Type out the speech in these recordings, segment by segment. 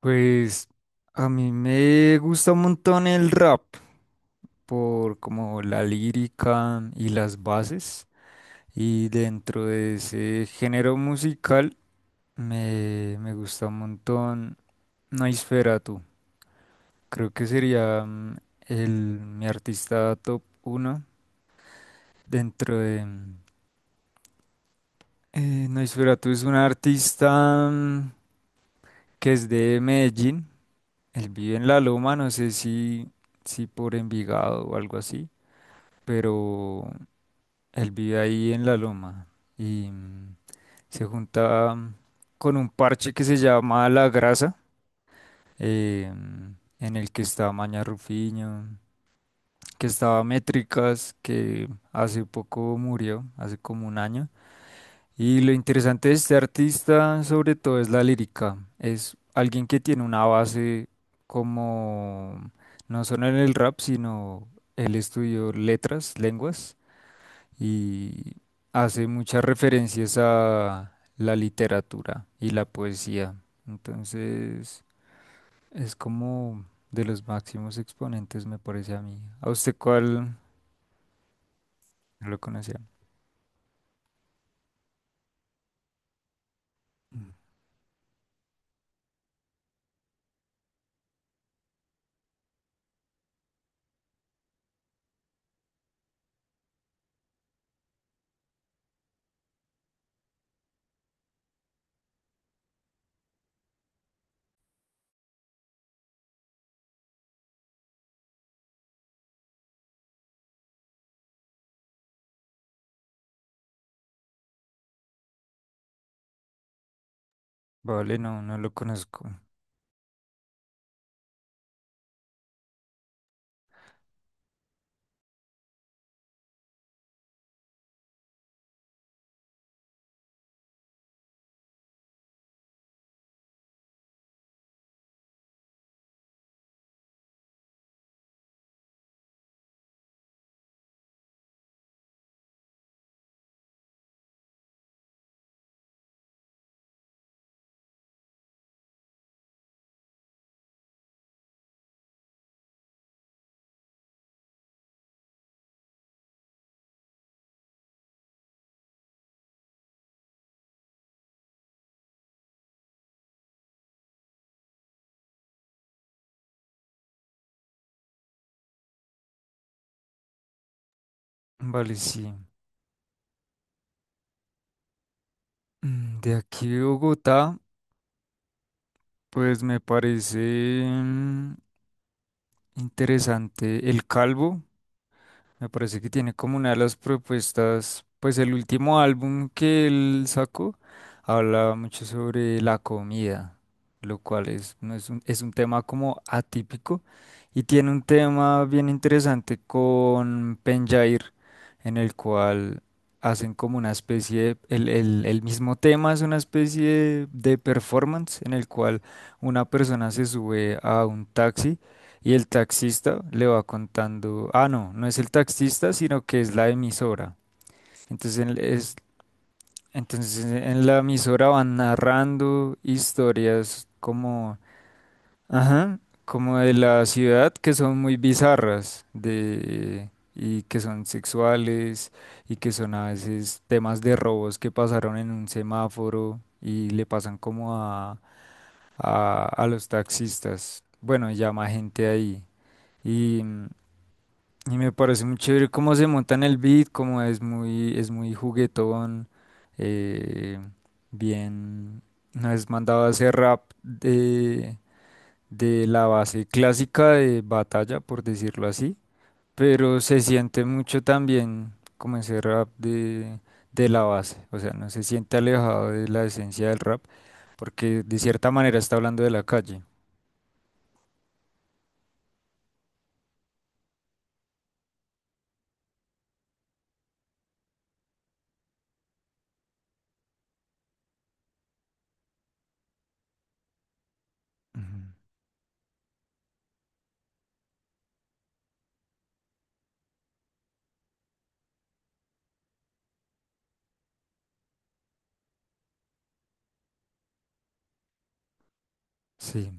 Pues a mí me gusta un montón el rap por como la lírica y las bases. Y dentro de ese género musical me gusta un montón Nosferatu. Creo que sería el, mi artista top uno dentro de... Nosferatu es un artista que es de Medellín. Él vive en La Loma, no sé si por Envigado o algo así, pero él vive ahí en la loma y se junta con un parche que se llama La Grasa, eh, mm, en el que está Maña Rufiño, que estaba Métricas, que hace poco murió, hace como un año. Y lo interesante de este artista sobre todo es la lírica, es alguien que tiene una base como, no solo en el rap, sino él estudió letras, lenguas, y hace muchas referencias a la literatura y la poesía. Entonces, es como de los máximos exponentes, me parece a mí. ¿A usted cuál no lo conocía? Mm. Vale, no, no lo conozco. Vale, sí. De aquí de Bogotá, pues me parece interesante El Calvo. Me parece que tiene como una de las propuestas, pues el último álbum que él sacó habla mucho sobre la comida, lo cual es, no es un, es un tema como atípico, y tiene un tema bien interesante con Penjair, en el cual hacen como una especie de, el mismo tema es una especie de performance en el cual una persona se sube a un taxi y el taxista le va contando, ah, no, no es el taxista, sino que es la emisora. Entonces, en, es, entonces en la emisora van narrando historias como, ajá, como de la ciudad, que son muy bizarras, de, y que son sexuales, y que son a veces temas de robos que pasaron en un semáforo y le pasan como a, a los taxistas. Bueno, llama gente ahí, y Y me parece muy chévere cómo se monta en el beat, cómo es muy juguetón, eh, bien, una vez mandaba ese rap de la base clásica de batalla, por decirlo así, pero se siente mucho también como ese rap de la base, o sea, no se siente alejado de la esencia del rap, porque de cierta manera está hablando de la calle. Ujú. Sí,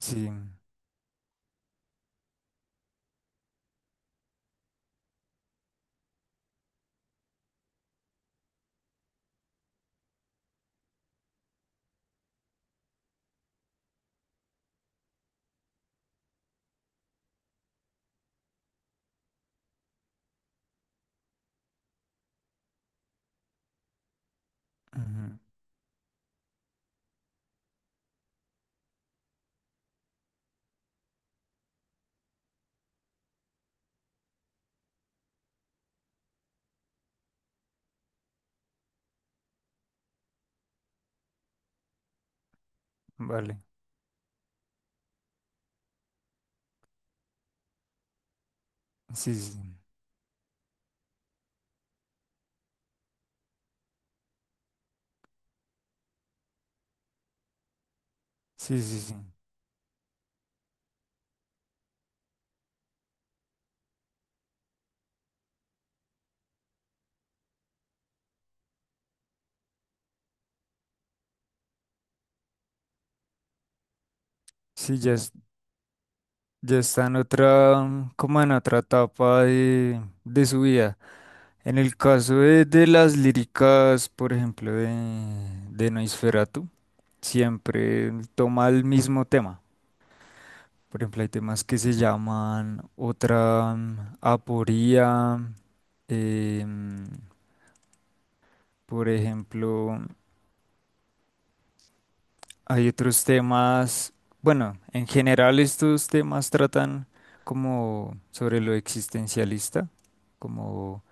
sí, ujú, vale, sí, sí. Sí, sí, sí. Sí, ya, es- ya está en otra, como en otra etapa de su vida. En el caso de las líricas, por ejemplo, de Noisferatu, siempre toma el mismo tema. Por ejemplo, hay temas que se llaman otra aporía, em, por ejemplo. Hay otros temas, bueno, en general estos temas tratan como sobre lo existencialista, como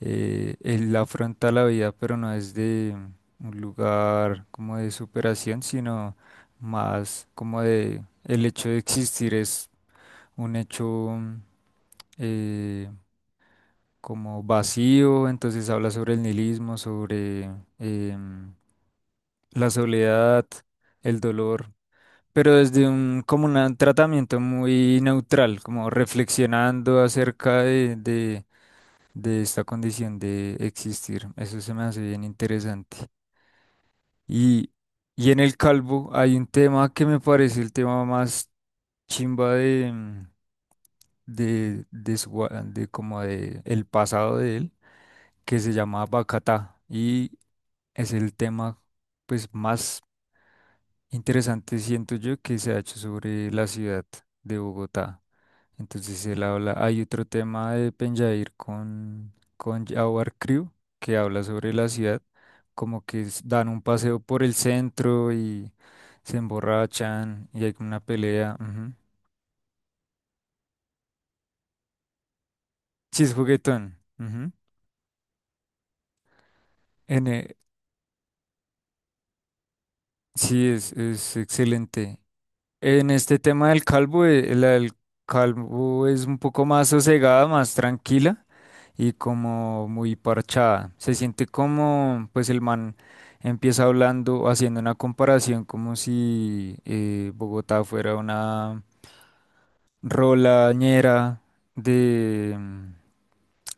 él afronta la vida, pero no es de un lugar como de superación, sino más como de el hecho de existir es un hecho eh, como vacío, entonces habla sobre el nihilismo, sobre em, la soledad, el dolor, pero desde un, como un tratamiento muy neutral, como reflexionando acerca de esta condición de existir. Eso se me hace bien interesante. Y, y en el Calvo hay un tema que me parece el tema más chimba de, de, su gua- de como de el pasado de él, que se llama Bacatá. Y es el tema pues más interesante, siento yo, que se ha hecho sobre la ciudad de Bogotá. Entonces si él habla, hay otro tema de Penjair con Jawar Crew que habla sobre la ciudad, como que s- dan un paseo por el centro y se emborrachan y hay como una pelea. Ujú. Sí, es juguetón. Ujú. En, sí, es excelente. En este tema del calvo, la del calvo es un poco más sosegada, más tranquila, y como muy parchada. Se siente como, pues el man empieza hablando, haciendo una comparación como si Bogotá fuera una rolañera de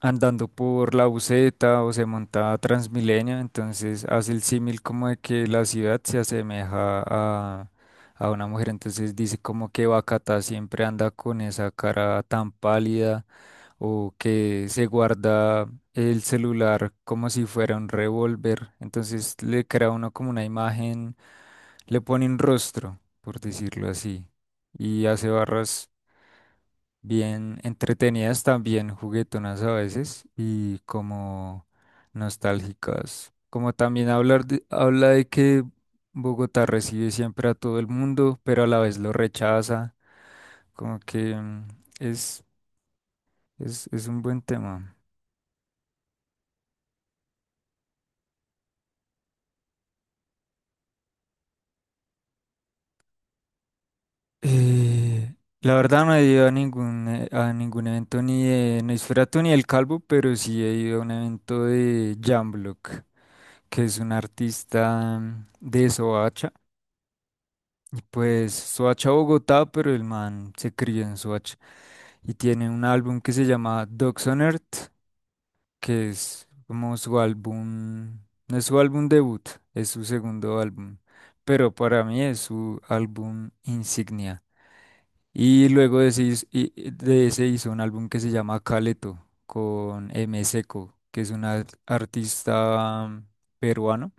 andando por la buseta o se monta a Transmilenio, entonces hace el símil como de que la ciudad se asemeja a a una mujer, entonces dice como que Bacatá siempre anda con esa cara tan pálida o que se guarda el celular como si fuera un revólver. Entonces le crea uno como una imagen, le pone un rostro, por decirlo así, y hace barras bien entretenidas también, juguetonas a veces y como nostálgicas. Como también hablar de- habla de que Bogotá recibe siempre a todo el mundo, pero a la vez lo rechaza. Como que es, es un buen tema. Eh, la verdad no he ido a ningún evento ni de Noisferatu ni del Calvo, pero sí he ido a un evento de Jamblock, que es un artista de Soacha. Y pues Soacha Bogotá, pero el man se crió en Soacha. Y tiene un álbum que se llama Dogs on Earth, que es como su álbum, no es su álbum debut, es su segundo álbum, pero para mí es su álbum insignia. Y luego de ese, his- y- de ese hizo un álbum que se llama Caleto con M. Seco, que es un ar- artista peruano.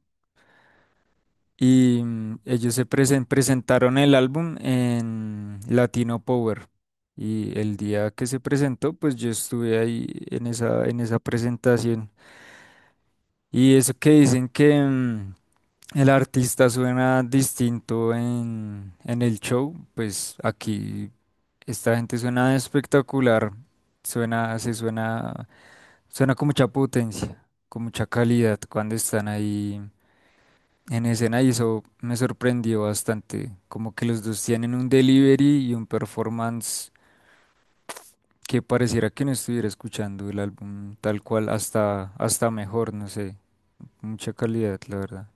Ellos se presen- presentaron el álbum en Latino Power. Y el día que se presentó, pues yo estuve ahí en esa presentación. Y eso que dicen que el artista suena distinto en el show, pues aquí. Esta gente suena espectacular. Suena, se suena, suena con mucha potencia, con mucha calidad cuando están ahí en escena y eso me sorprendió bastante. Como que los dos tienen un delivery y un performance que pareciera que no estuviera escuchando el álbum tal cual, hasta, hasta mejor, no sé. Mucha calidad, la verdad.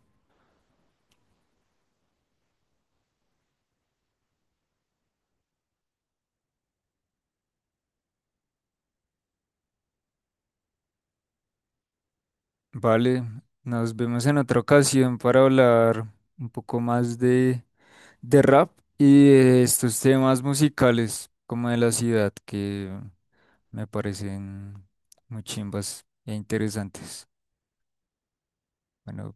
Vale, nos vemos en otra ocasión para hablar un poco más de rap y de estos temas musicales como de la ciudad que me parecen muy chimbas e interesantes. Bueno,